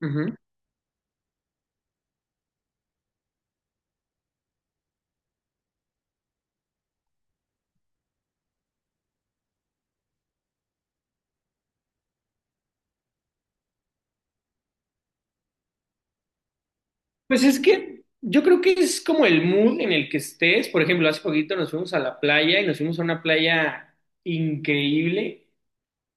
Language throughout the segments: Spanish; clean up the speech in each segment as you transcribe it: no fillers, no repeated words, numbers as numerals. Ujú. Pues es que yo creo que es como el mood en el que estés. Por ejemplo, hace poquito nos fuimos a la playa y nos fuimos a una playa increíble,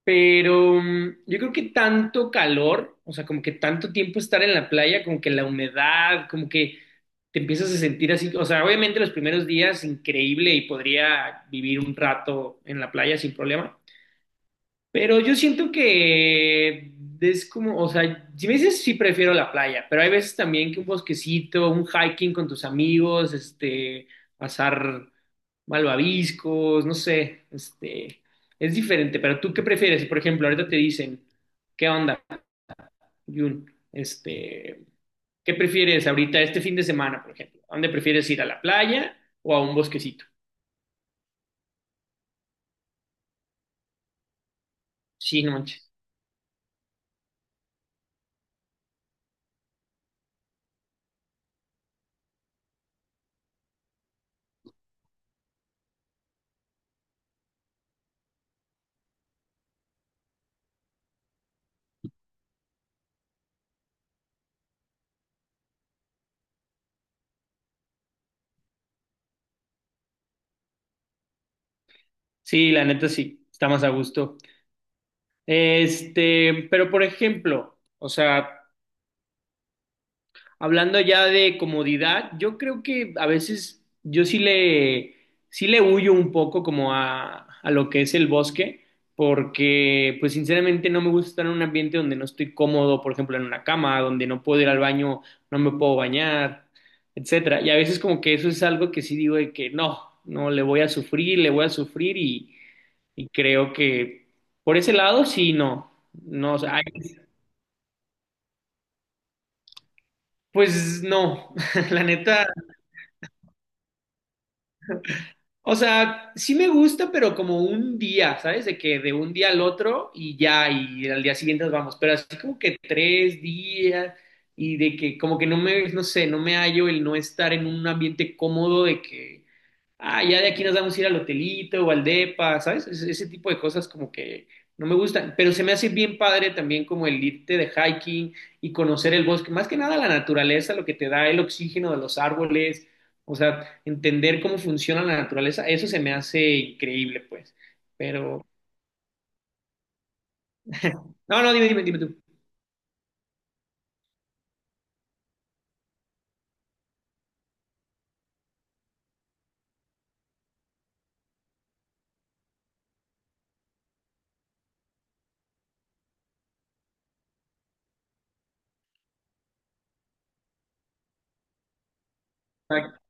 pero yo creo que tanto calor, o sea, como que tanto tiempo estar en la playa, como que la humedad, como que te empiezas a sentir así. O sea, obviamente los primeros días increíble y podría vivir un rato en la playa sin problema. Pero yo siento que es como, o sea, si me dices sí prefiero la playa, pero hay veces también que un bosquecito, un hiking con tus amigos, pasar malvaviscos, no sé, es diferente. ¿Pero tú qué prefieres? Si, por ejemplo, ahorita te dicen, ¿qué onda, Jun? ¿Qué prefieres ahorita este fin de semana, por ejemplo? ¿A dónde prefieres ir, a la playa o a un bosquecito? Sí, no manches. Sí, la neta sí, está más a gusto. Pero por ejemplo, o sea, hablando ya de comodidad, yo creo que a veces sí le huyo un poco como a lo que es el bosque, porque pues sinceramente no me gusta estar en un ambiente donde no estoy cómodo, por ejemplo, en una cama, donde no puedo ir al baño, no me puedo bañar, etcétera. Y a veces como que eso es algo que sí digo de que no, no, le voy a sufrir, y creo que por ese lado sí, no. No, o sea, pues no, la neta. O sea, sí me gusta, pero como un día, ¿sabes? De que de un día al otro y ya, y al día siguiente nos vamos. Pero así como que tres días y de que como que no sé, no me hallo el no estar en un ambiente cómodo de que ah, ya de aquí nos vamos a ir al hotelito o al depa, ¿sabes? Ese tipo de cosas como que no me gustan, pero se me hace bien padre también como el irte de hiking y conocer el bosque, más que nada la naturaleza, lo que te da el oxígeno de los árboles, o sea, entender cómo funciona la naturaleza, eso se me hace increíble, pues. Pero, no, no, dime tú. Exacto,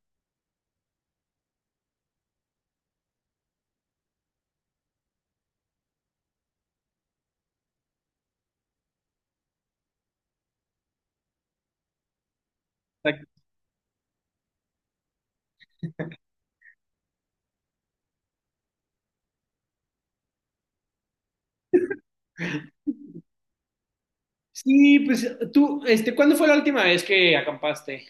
exacto. Sí, pues tú, ¿cuándo fue la última vez que acampaste?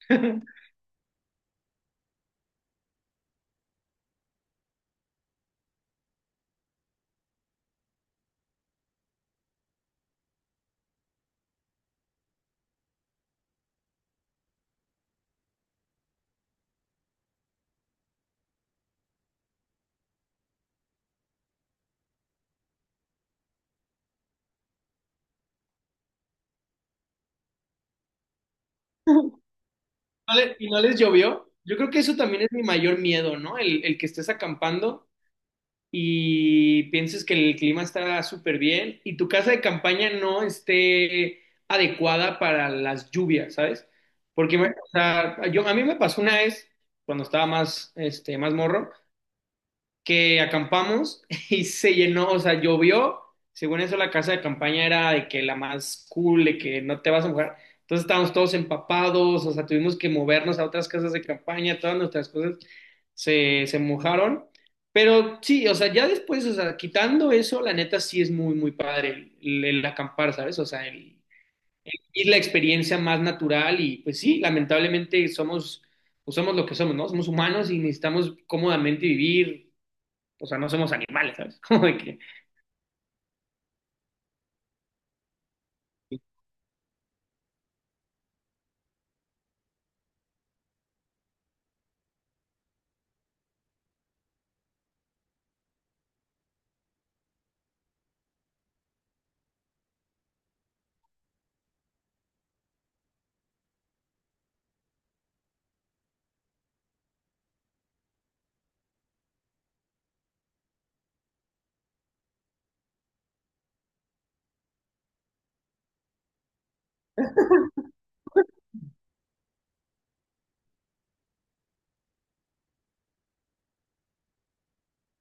y no les llovió. Yo creo que eso también es mi mayor miedo, ¿no? El que estés acampando y pienses que el clima está súper bien y tu casa de campaña no esté adecuada para las lluvias, ¿sabes? O sea, yo, a mí me pasó una vez cuando estaba más, más morro que acampamos y se llenó, o sea, llovió. Según eso, la casa de campaña era de que la más cool, de que no te vas a mojar. Entonces estábamos todos empapados, o sea, tuvimos que movernos a otras casas de campaña, todas nuestras cosas se mojaron. Pero sí, o sea, ya después, o sea, quitando eso, la neta sí es muy, muy padre el acampar, ¿sabes? O sea, el, y la experiencia más natural y pues sí, lamentablemente somos, pues somos lo que somos, ¿no? Somos humanos y necesitamos cómodamente vivir, o sea, no somos animales, ¿sabes? Como de que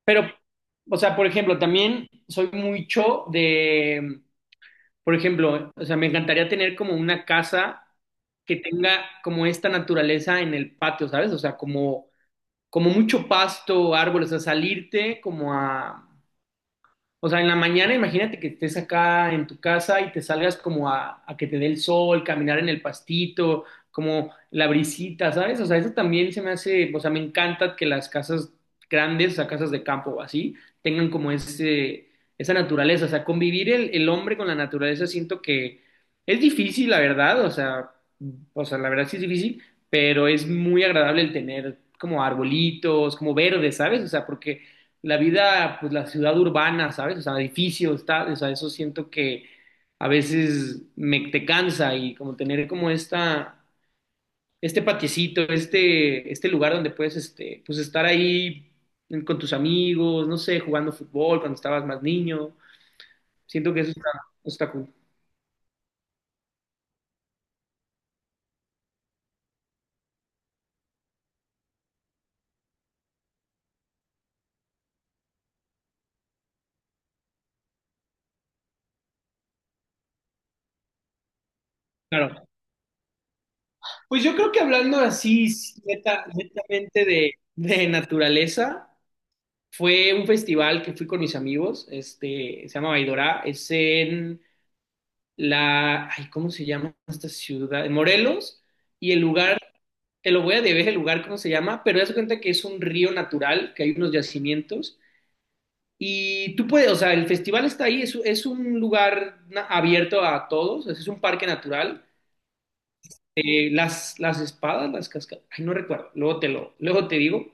pero, o sea, por ejemplo, también soy mucho de, por ejemplo, o sea, me encantaría tener como una casa que tenga como esta naturaleza en el patio, ¿sabes? O sea, como, como mucho pasto, árboles, o sea, salirte como a o sea, en la mañana imagínate que estés acá en tu casa y te salgas como a que te dé el sol, caminar en el pastito, como la brisita, ¿sabes? O sea, eso también se me hace, o sea, me encanta que las casas grandes, o sea, casas de campo o así, tengan como ese, esa naturaleza. O sea, convivir el hombre con la naturaleza siento que es difícil, la verdad. O sea, la verdad sí es difícil, pero es muy agradable el tener como arbolitos, como verde, ¿sabes? O sea, porque la vida, pues la ciudad urbana, ¿sabes? O sea, edificios, tal, o sea, eso siento que a veces me te cansa y como tener como esta, este lugar donde puedes, pues estar ahí con tus amigos, no sé, jugando fútbol cuando estabas más niño, siento que eso está, está cool. Claro. Pues yo creo que hablando así, netamente de naturaleza, fue un festival que fui con mis amigos, se llama Baidora, es en la, ay, ¿cómo se llama esta ciudad? Morelos, y el lugar, te lo voy a deber, el lugar, ¿cómo se llama? Pero das cuenta que es un río natural, que hay unos yacimientos, y tú puedes, o sea, el festival está ahí, es un lugar abierto a todos, es un parque natural, las espadas, las cascadas, ay, no recuerdo, luego te lo, luego te digo,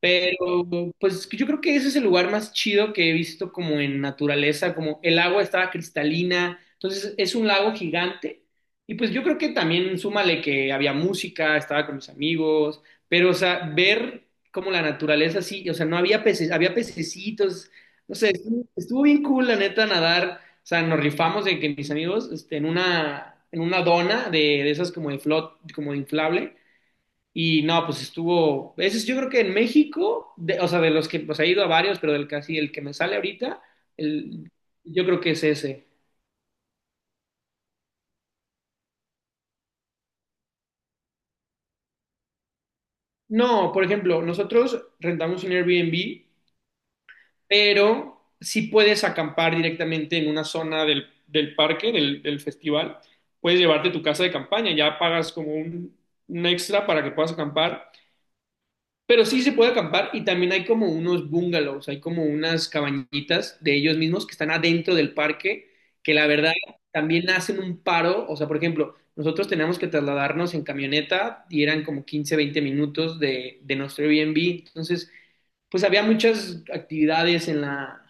pero pues yo creo que ese es el lugar más chido que he visto como en naturaleza, como el agua estaba cristalina, entonces es un lago gigante y pues yo creo que también súmale que había música, estaba con mis amigos, pero o sea, ver como la naturaleza así, o sea, no había peces, había pececitos, no sé, estuvo, estuvo bien cool la neta nadar, o sea, nos rifamos de que mis amigos, en una dona de esas como de flot, como de inflable. Y no, pues estuvo, ese es, yo creo que en México, o sea, de los que, pues he ido a varios, pero del que así, el que me sale ahorita, el, yo creo que es ese. No, por ejemplo, nosotros rentamos un Airbnb, pero sí puedes acampar directamente en una zona del, del parque, del, del festival. Puedes llevarte tu casa de campaña, ya pagas como un extra para que puedas acampar. Pero sí se puede acampar y también hay como unos bungalows, hay como unas cabañitas de ellos mismos que están adentro del parque, que la verdad también hacen un paro. O sea, por ejemplo, nosotros teníamos que trasladarnos en camioneta y eran como 15, 20 minutos de nuestro Airbnb. Entonces, pues había muchas actividades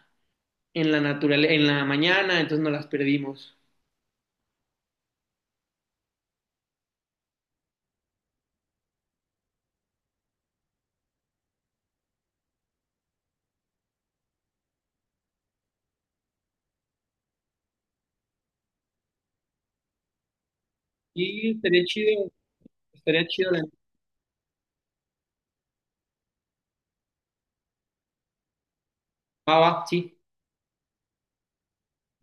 en la naturaleza, en la mañana, entonces no las perdimos. Y estaría chido, estaría chido. La- Va, va, sí.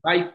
Bye.